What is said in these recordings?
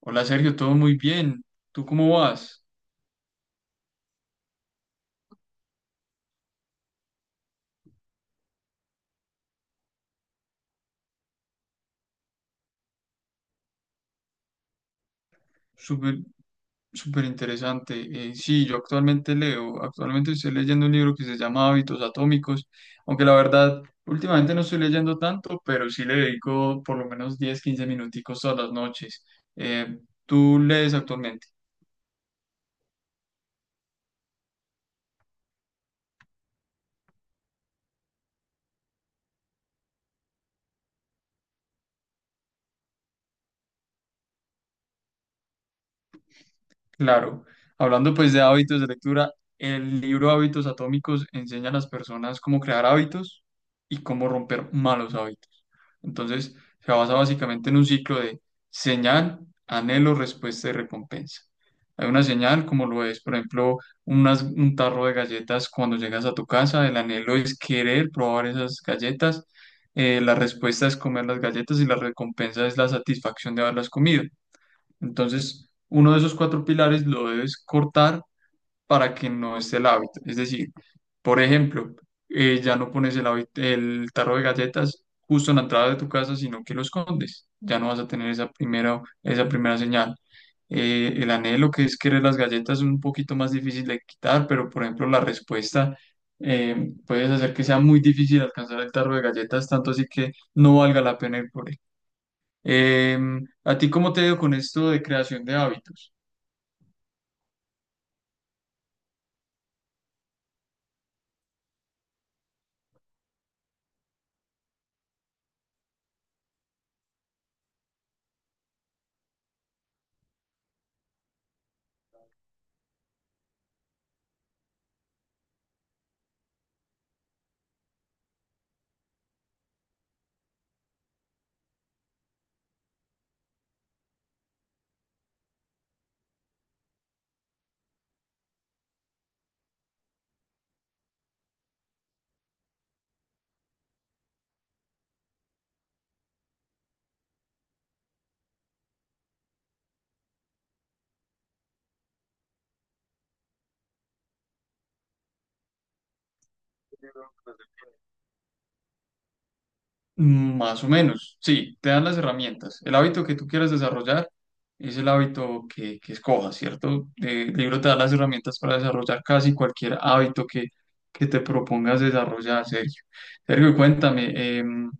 Hola Sergio, todo muy bien. ¿Tú cómo vas? Súper, súper interesante. Sí, yo actualmente estoy leyendo un libro que se llama Hábitos Atómicos, aunque la verdad, últimamente no estoy leyendo tanto, pero sí le dedico por lo menos 10, 15 minuticos todas las noches. Eh, ¿Tú lees actualmente? Claro, hablando pues de hábitos de lectura, el libro Hábitos Atómicos enseña a las personas cómo crear hábitos y cómo romper malos hábitos. Entonces, se basa básicamente en un ciclo de señal, anhelo, respuesta y recompensa. Hay una señal, como lo es, por ejemplo, un tarro de galletas cuando llegas a tu casa, el anhelo es querer probar esas galletas, la respuesta es comer las galletas y la recompensa es la satisfacción de haberlas comido. Entonces, uno de esos cuatro pilares lo debes cortar para que no esté el hábito. Es decir, por ejemplo, ya no pones el tarro de galletas justo en la entrada de tu casa, sino que lo escondes. Ya no vas a tener esa primera señal. El anhelo que es querer las galletas es un poquito más difícil de quitar, pero por ejemplo, la respuesta puedes hacer que sea muy difícil alcanzar el tarro de galletas, tanto así que no valga la pena ir por él. ¿A ti cómo te ha ido con esto de creación de hábitos? Más o menos, sí, te dan las herramientas. El hábito que tú quieras desarrollar es el hábito que escojas, ¿cierto? El libro te da las herramientas para desarrollar casi cualquier hábito que te propongas desarrollar, Sergio. Sergio, cuéntame,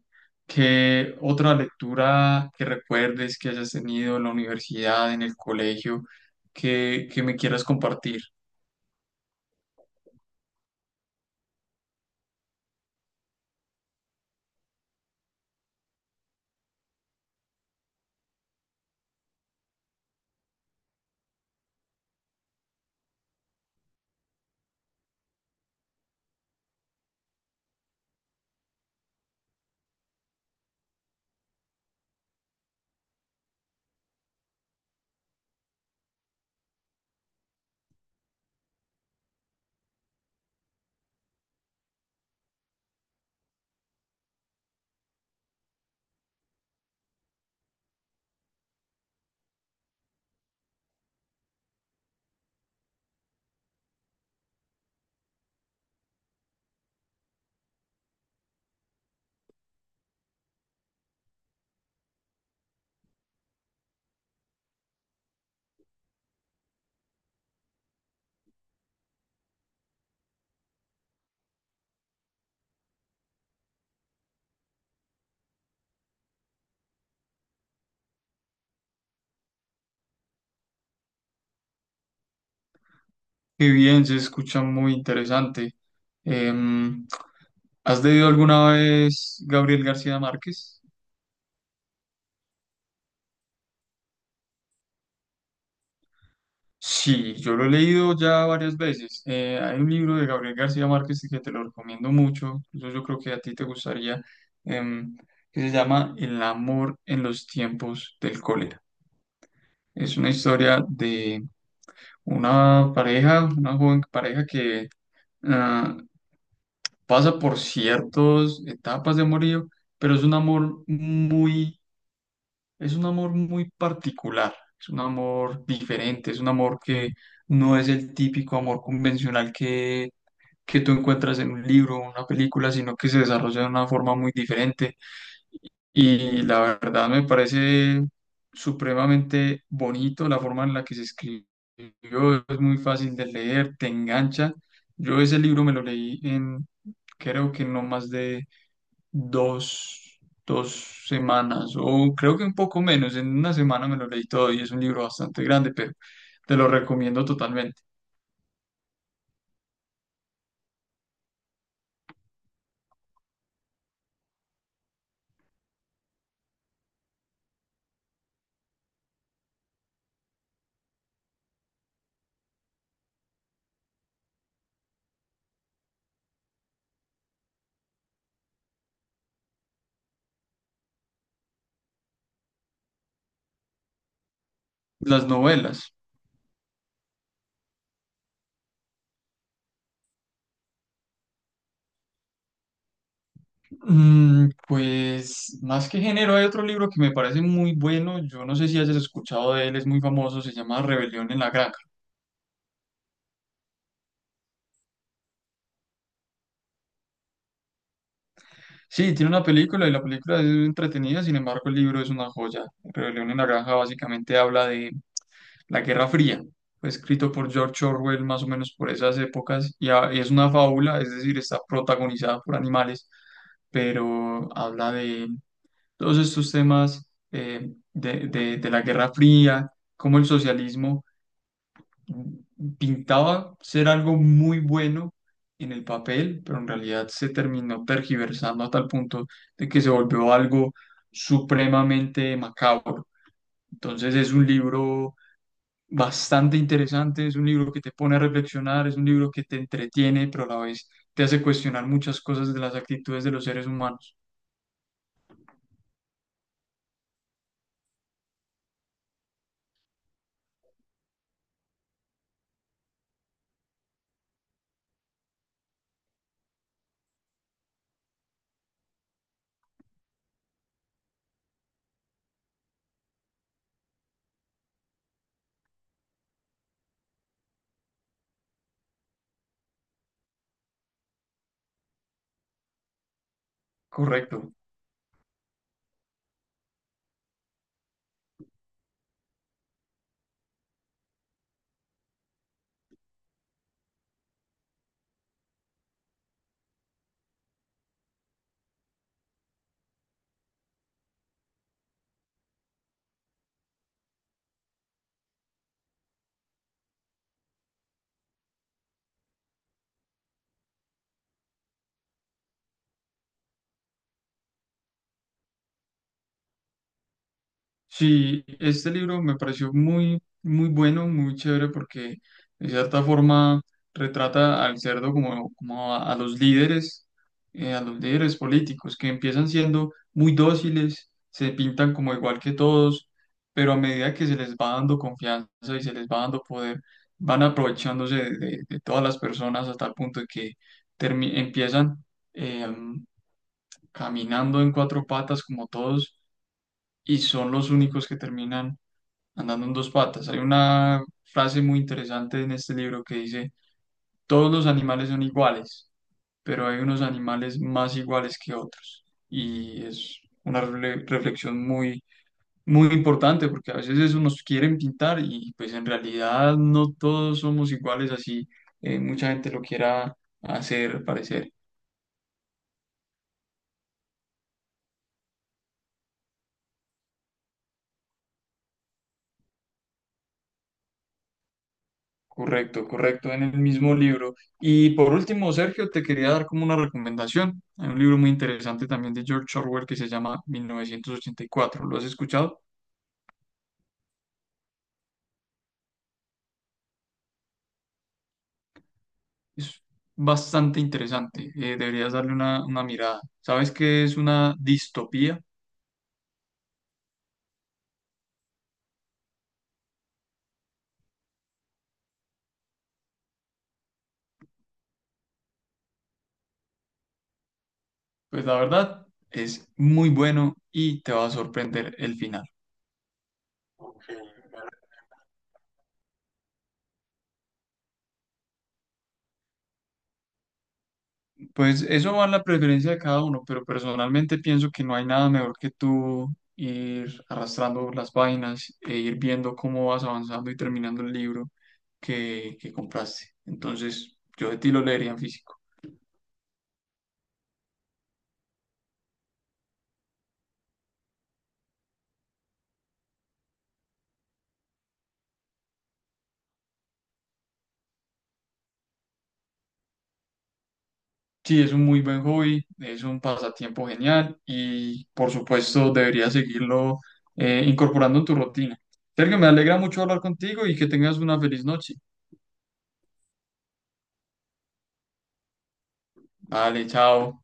¿qué otra lectura que recuerdes que hayas tenido en la universidad, en el colegio, que me quieras compartir? Qué bien, se escucha muy interesante. Em, ¿Has leído alguna vez Gabriel García Márquez? Sí, yo lo he leído ya varias veces. Hay un libro de Gabriel García Márquez que te lo recomiendo mucho, incluso yo creo que a ti te gustaría, em, que se llama El amor en los tiempos del cólera. Es una historia de una joven pareja que ah, pasa por ciertas etapas de amorío, pero es un amor muy particular, es un amor diferente, es un amor que no es el típico amor convencional que tú encuentras en un libro o una película, sino que se desarrolla de una forma muy diferente. Y la verdad me parece supremamente bonito la forma en la que se escribió, es muy fácil de leer, te engancha. Yo ese libro me lo leí en, creo que no más de dos, dos semanas, o creo que un poco menos, en una semana me lo leí todo y es un libro bastante grande, pero te lo recomiendo totalmente. Las novelas. Pues más que género, hay otro libro que me parece muy bueno. Yo no sé si hayas escuchado de él, es muy famoso, se llama Rebelión en la Granja. Sí, tiene una película y la película es entretenida, sin embargo, el libro es una joya. Rebelión en la Granja básicamente habla de la Guerra Fría. Fue escrito por George Orwell más o menos por esas épocas y, y es una fábula, es decir, está protagonizada por animales, pero habla de todos estos temas de la Guerra Fría, cómo el socialismo pintaba ser algo muy bueno en el papel, pero en realidad se terminó tergiversando a tal punto de que se volvió algo supremamente macabro. Entonces es un libro bastante interesante, es un libro que te pone a reflexionar, es un libro que te entretiene, pero a la vez te hace cuestionar muchas cosas de las actitudes de los seres humanos. Correcto. Sí, este libro me pareció muy, muy bueno, muy chévere porque de cierta forma retrata al cerdo como a los líderes políticos que empiezan siendo muy dóciles, se pintan como igual que todos, pero a medida que se les va dando confianza y se les va dando poder, van aprovechándose de, de todas las personas hasta el punto de que empiezan eh, caminando en cuatro patas como todos y son los únicos que terminan andando en dos patas. Hay una frase muy interesante en este libro que dice, todos los animales son iguales, pero hay unos animales más iguales que otros. Y es una reflexión muy, muy importante porque a veces eso nos quieren pintar y pues en realidad no todos somos iguales así. Mucha gente lo quiera hacer parecer. Correcto, correcto, en el mismo libro. Y por último, Sergio, te quería dar como una recomendación. Hay un libro muy interesante también de George Orwell que se llama 1984. ¿Lo has escuchado? Es bastante interesante. Deberías darle una mirada. ¿Sabes qué es una distopía? Pues la verdad es muy bueno y te va a sorprender el final. Pues eso va en la preferencia de cada uno, pero personalmente pienso que no hay nada mejor que tú ir arrastrando las vainas e ir viendo cómo vas avanzando y terminando el libro que compraste. Entonces, yo de ti lo leería en físico. Sí, es un muy buen hobby, es un pasatiempo genial y por supuesto deberías seguirlo incorporando en tu rutina. Sergio, me alegra mucho hablar contigo y que tengas una feliz noche. Vale, chao.